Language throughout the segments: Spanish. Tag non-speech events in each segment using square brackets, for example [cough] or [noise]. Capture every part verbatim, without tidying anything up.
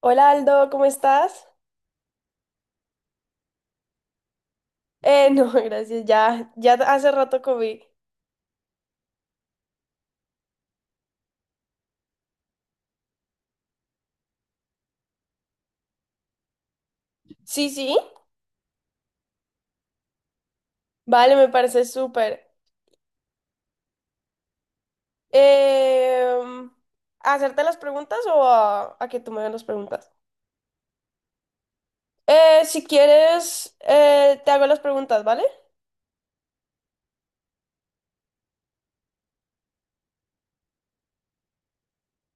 Hola Aldo, ¿cómo estás? Eh, no, [laughs] gracias, ya, ya hace rato comí. Sí, sí, vale, me parece súper. Em, ¿hacerte las preguntas o a, a que tú me hagas las preguntas? Eh, si quieres, eh, te hago las preguntas, ¿vale?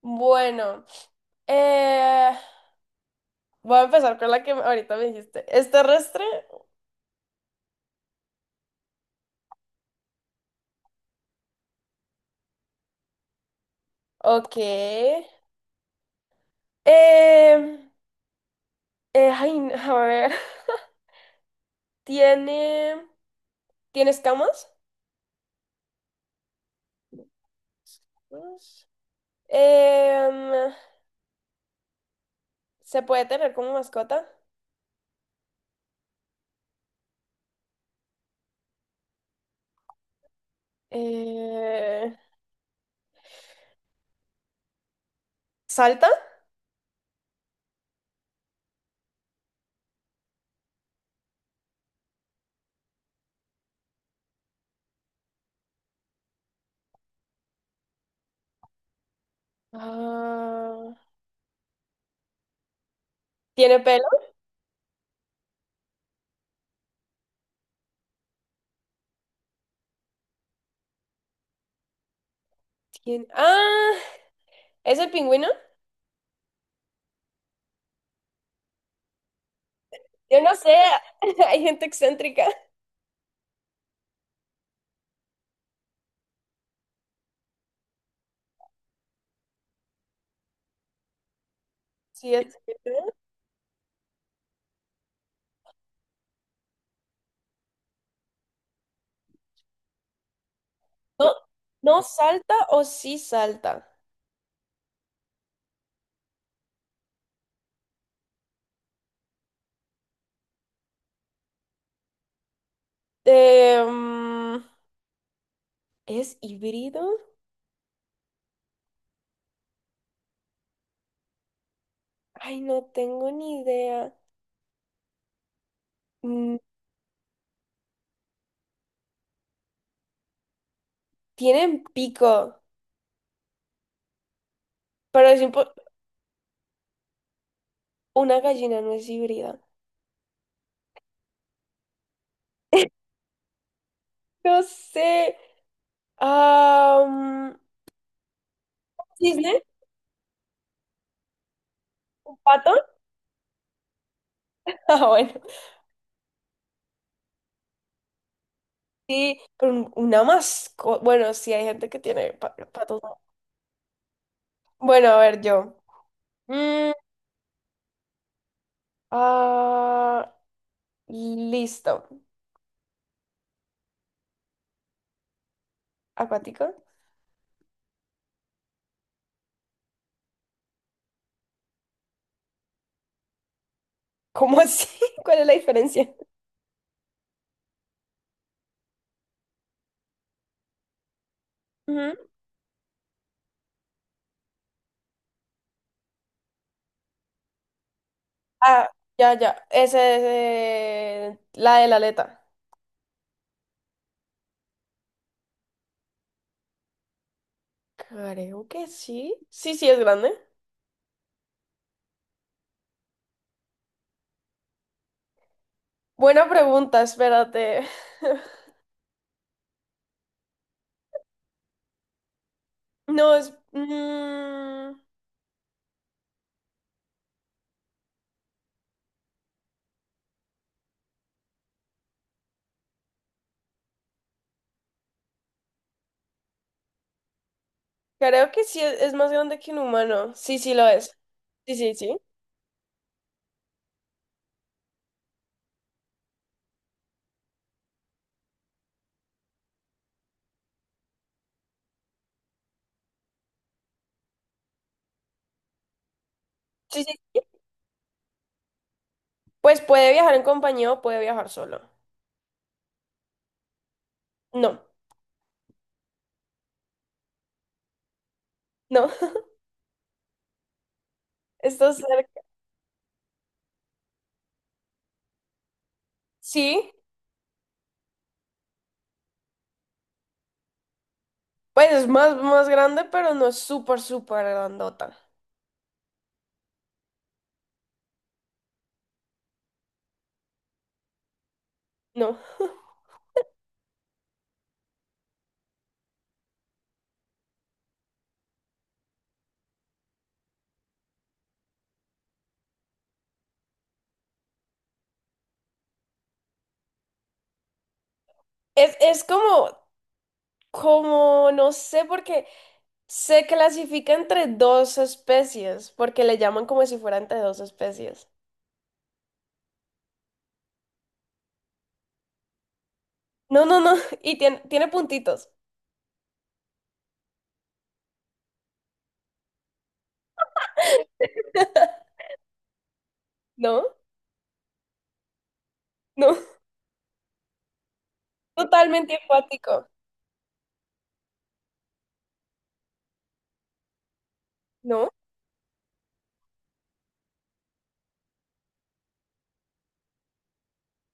Bueno, eh, voy a empezar con la que ahorita me dijiste. ¿Es terrestre? Ok. Em, eh, ay, no, a ver, [laughs] ¿tiene, ¿tiene escamas? Em, ¿se puede tener como mascota? Eh, ¿salta? Ah, ¿tiene pelo? Tien- Ah, ¿es el pingüino? Yo no sé, [laughs] hay gente excéntrica. Sí, es cierto. No, ¿no salta o sí salta? Em, ¿es híbrido? Ay, no tengo ni idea. Mm. Tienen pico, pero es impo- una gallina no es híbrida. [laughs] No sé. ah ¿Cisne? ¿Un pato? [laughs] Ah, bueno. Sí, pero un- una mascota. Bueno, sí, hay gente que tiene pa- patos, ¿no? Bueno, a ver, yo. Mm, ah, listo. ¿Acuático? ¿Cómo así? [laughs] ¿Cuál es la diferencia? Ujú. Ah, ya, ya. Ese es eh, la de la aleta. Creo que sí. Sí, sí, es grande. Buena pregunta, espérate. [laughs] No, es... mm, creo que sí es, es más grande que un humano. Sí, sí lo es. Sí, sí, sí. Sí, sí. Pues puede viajar en compañía o puede viajar solo. No, no. [laughs] Está cerca. Sí, pues es más, más grande, pero no es súper, súper grandota. No. Es, es como, como, no sé, porque se clasifica entre dos especies, porque le llaman como si fuera entre dos especies. No, no, no. [laughs] Y tiene, tiene puntitos. No, no. [laughs] Totalmente acuático. No.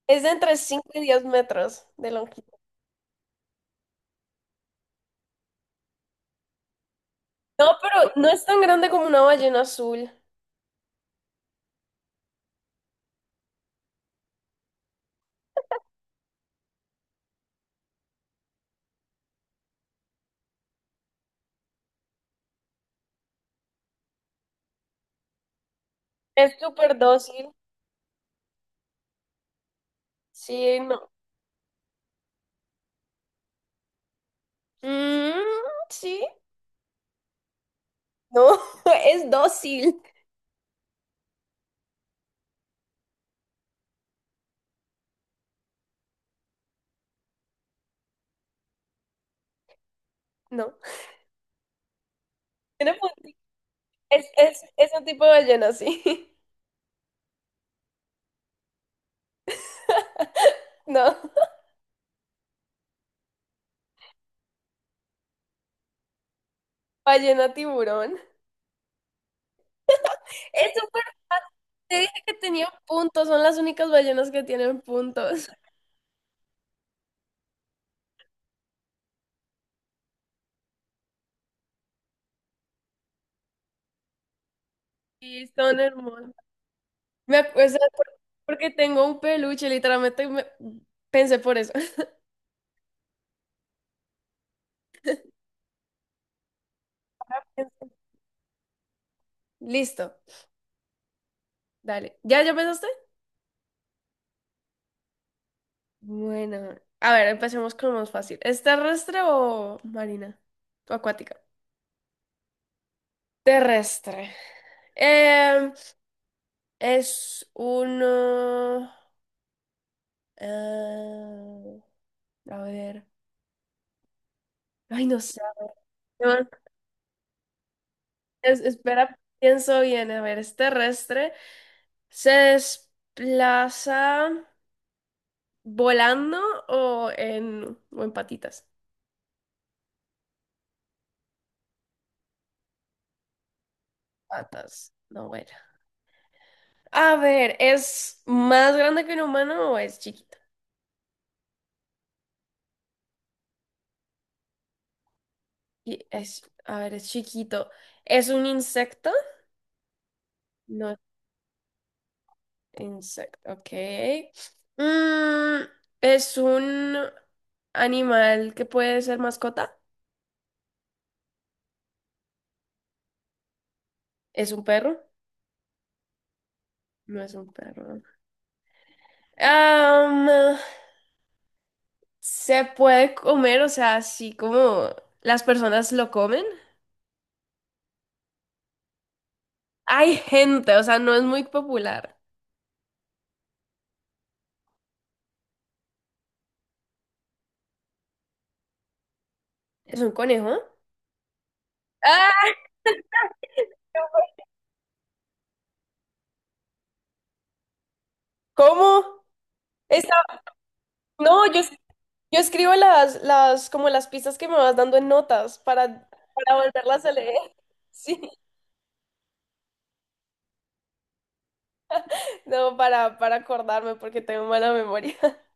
Es de entre cinco y diez metros de longitud. No, pero no es tan grande como una ballena azul. Es súper dócil. Sí, no. Mm, sí. No, [laughs] es dócil. No. Tiene punti- Es, es, es un tipo de ballena, sí. [laughs] No. Ballena tiburón. Es súper fácil. Te dije que tenía puntos. Son las únicas ballenas que tienen puntos. Y son hermosas. Me acuerdo porque tengo un peluche. Literalmente me- pensé por eso. [laughs] Listo. Dale. ¿Ya, ya pensaste? Bueno, a ver, empecemos con lo más fácil. ¿Es terrestre o marina? ¿O acuática? Terrestre. Em, es uno... eh, a ver. Ay, no sé. No, es- espera, pienso bien. A ver, ¿es terrestre? ¿Se desplaza volando o en, o en patitas? Patas. No, bueno. A ver, ¿es más grande que un humano o es chiquito? Y es, a ver, es chiquito. ¿Es un insecto? No es insecto, ok. Mm, ¿es un animal que puede ser mascota? ¿Es un perro? No es un perro. Am, ¿se puede comer? O sea, así como las personas lo comen. Hay gente, o sea, no es muy popular. ¿Es un conejo? ¡Ah! [laughs] ¿Cómo? No, yo, es- yo escribo las, las, como las pistas que me vas dando en notas para, para volverlas a leer. [laughs] Sí, no, para, para acordarme porque tengo mala memoria. [laughs]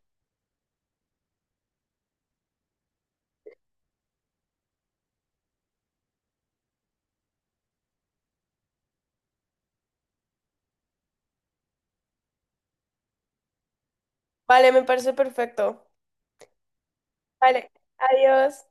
Vale, me parece perfecto. Vale, adiós.